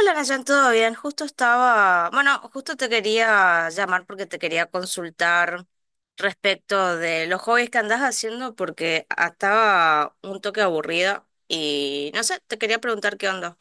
Hola, Nayan, ¿todo bien? Bueno, justo te quería llamar porque te quería consultar respecto de los hobbies que andás haciendo porque estaba un toque aburrida y no sé, te quería preguntar qué onda.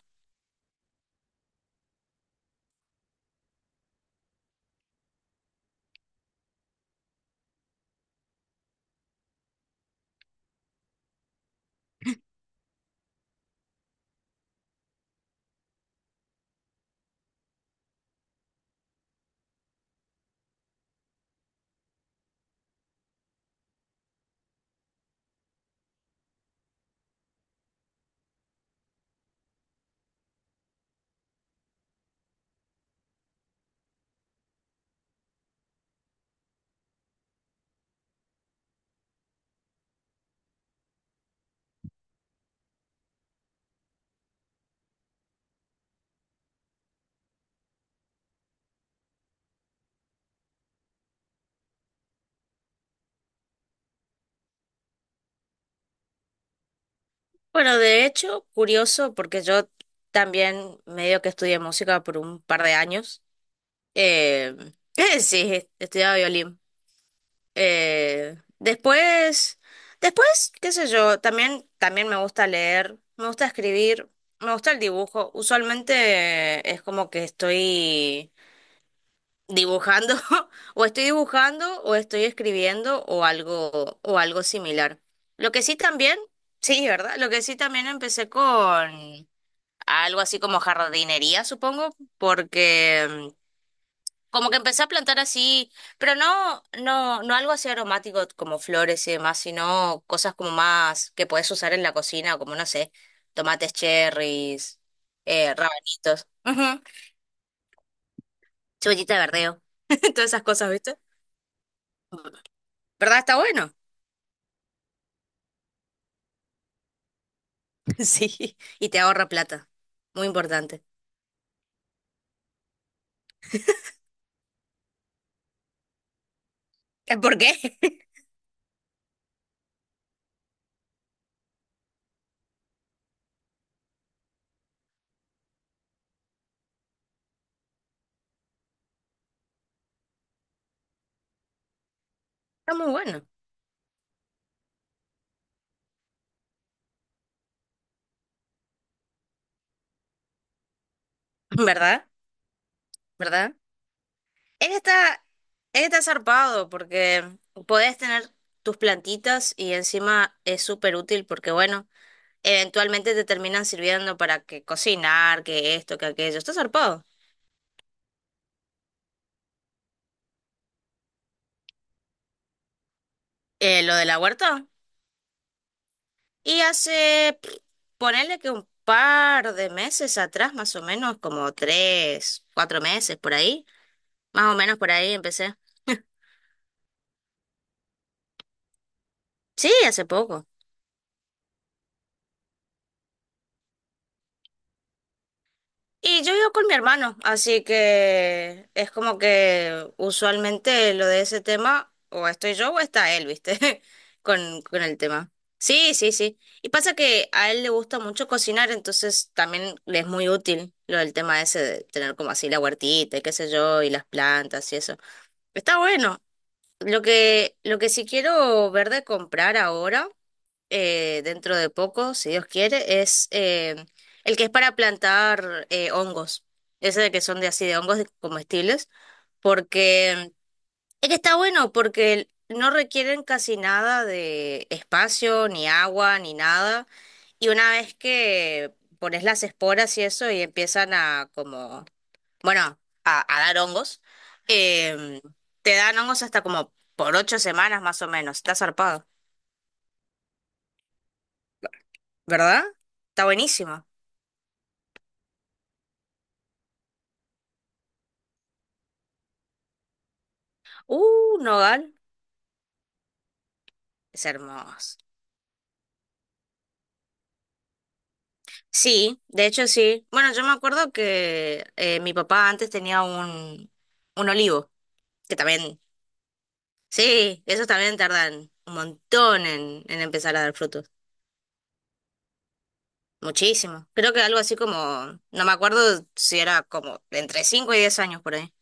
Bueno, de hecho, curioso porque yo también medio que estudié música por un par de años. Eh, sí, estudiaba violín. Eh, después, después, qué sé yo, también me gusta leer, me gusta escribir, me gusta el dibujo. Usualmente es como que estoy dibujando, o estoy dibujando, o estoy escribiendo, o algo similar. Lo que sí también, sí, ¿verdad? Lo que sí también empecé con algo así como jardinería, supongo, porque como que empecé a plantar así, pero no, no, no algo así aromático como flores y demás, sino cosas como más que puedes usar en la cocina, como no sé, tomates cherries, rabanitos, ujú, cebollita de verdeo, todas esas cosas, ¿viste? ¿Verdad? Está bueno. Sí, y te ahorra plata. Muy importante. ¿Por qué? Está muy bueno, ¿verdad? ¿Verdad? Está, está zarpado porque podés tener tus plantitas y encima es súper útil porque, bueno, eventualmente te terminan sirviendo para que cocinar, que esto, que aquello. Está zarpado. Lo de la huerta. Y hace, pff, ponerle que un par de meses atrás, más o menos, como 3, 4 meses por ahí, más o menos por ahí empecé. Sí, hace poco. Y yo vivo con mi hermano, así que es como que usualmente lo de ese tema, o estoy yo o está él, ¿viste? Con el tema. Sí, sí, sí. Y pasa que a él le gusta mucho cocinar, entonces también le es muy útil lo del tema ese de tener como así la huertita y qué sé yo, y las plantas y eso. Está bueno. Lo que sí quiero ver de comprar ahora dentro de poco, si Dios quiere, es el que es para plantar hongos. Ese de que son de así de hongos comestibles, porque es que está bueno, porque no requieren casi nada de espacio, ni agua, ni nada. Y una vez que pones las esporas y eso y empiezan a como, bueno, a dar hongos, em, te dan hongos hasta como por 8 semanas más o menos. Está zarpado, ¿verdad? Está buenísimo. Nogal, es hermoso. Sí, de hecho sí. Bueno, yo me acuerdo que mi papá antes tenía un olivo, que también, sí, esos también tardan un montón en, empezar a dar frutos. Muchísimo. Creo que algo así como, no me acuerdo si era como entre 5 y 10 años por ahí.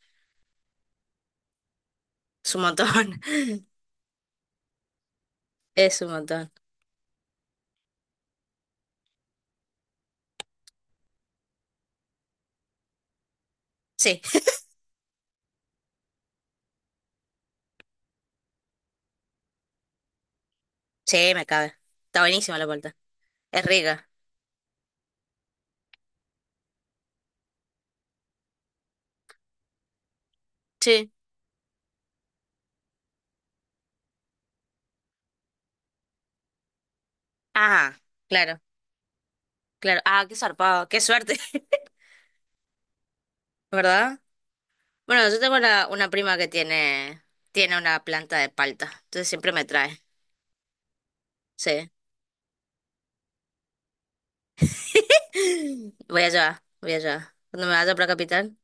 Es un montón. Es un montón. Sí, sí, me cabe. Está buenísima la vuelta. Es rica. Sí. Ah, claro, claro. Ah, qué zarpado, qué suerte. ¿Verdad? Bueno, yo tengo una prima que tiene una planta de palta, entonces siempre me trae. Sí. Voy allá, voy allá. Cuando me vaya para Capital,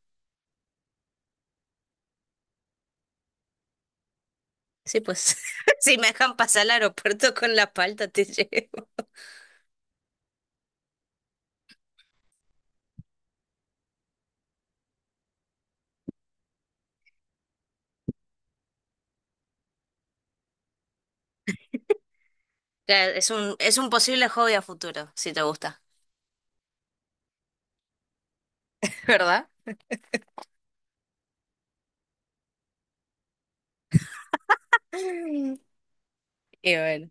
sí, pues. Si me dejan pasar al aeropuerto con la palta, te llevo. Ya, es un posible hobby a futuro, si te gusta. ¿Verdad? Y bueno.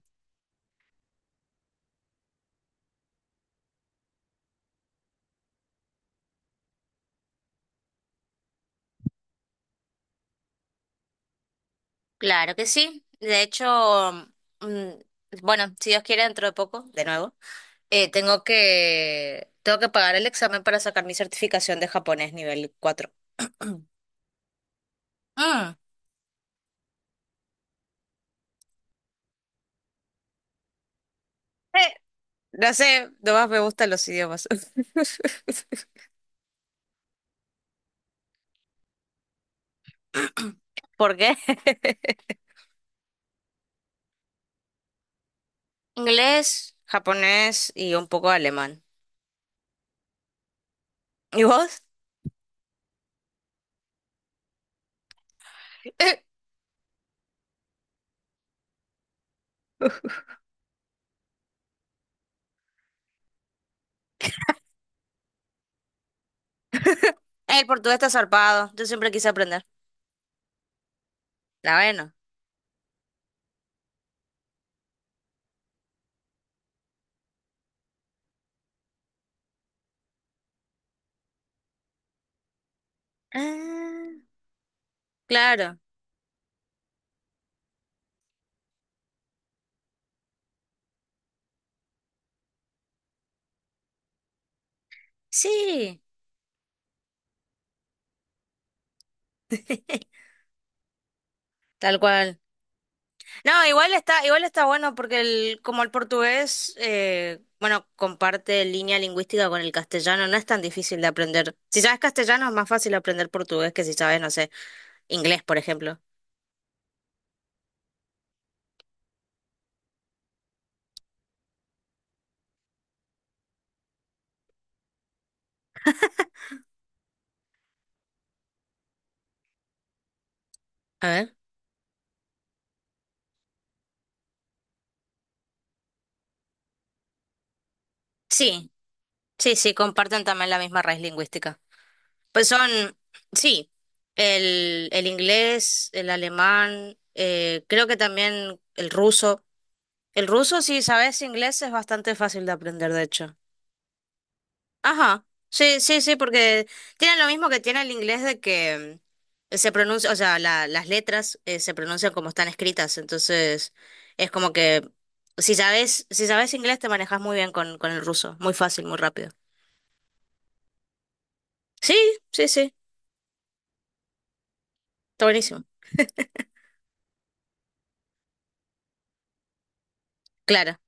Claro que sí. De hecho, mm, bueno, si Dios quiere, dentro de poco, de nuevo. Tengo que pagar el examen para sacar mi certificación de japonés nivel cuatro. Mm, Eh, no sé, nomás me gustan los idiomas. ¿Por qué? Inglés, japonés y un poco de alemán. ¿Y vos? Eh, el portugués está zarpado. Yo siempre quise aprender. La bueno. Ah, claro. Sí, tal cual. No, igual está bueno porque como el portugués, bueno, comparte línea lingüística con el castellano, no es tan difícil de aprender. Si sabes castellano es más fácil aprender portugués que si sabes, no sé, inglés, por ejemplo. A ver. Sí, sí, sí, comparten también la misma raíz lingüística. Pues son, sí, el inglés, el alemán, creo que también el ruso. El ruso, si sabes inglés, es bastante fácil de aprender, de hecho. Ajá, sí, sí, sí, porque tienen lo mismo que tiene el inglés de que se pronuncia, o sea, las letras se pronuncian como están escritas, entonces es como que si sabes inglés te manejas muy bien con, el ruso, muy fácil, muy rápido. Sí, sí, sí, está buenísimo. Clara.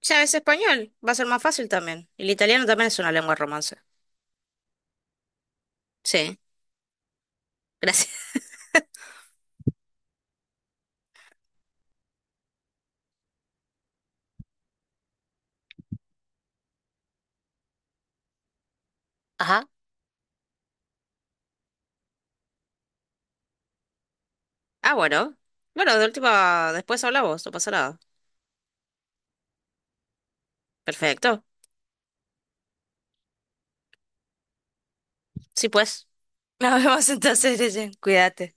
¿Sabes español? Va a ser más fácil también. Y el italiano también es una lengua romance. Sí, gracias. Ajá. Ah, bueno. Bueno, de última, después hablamos, no pasa nada. Perfecto. Sí, pues. Nos vemos entonces, Neyen. Cuídate.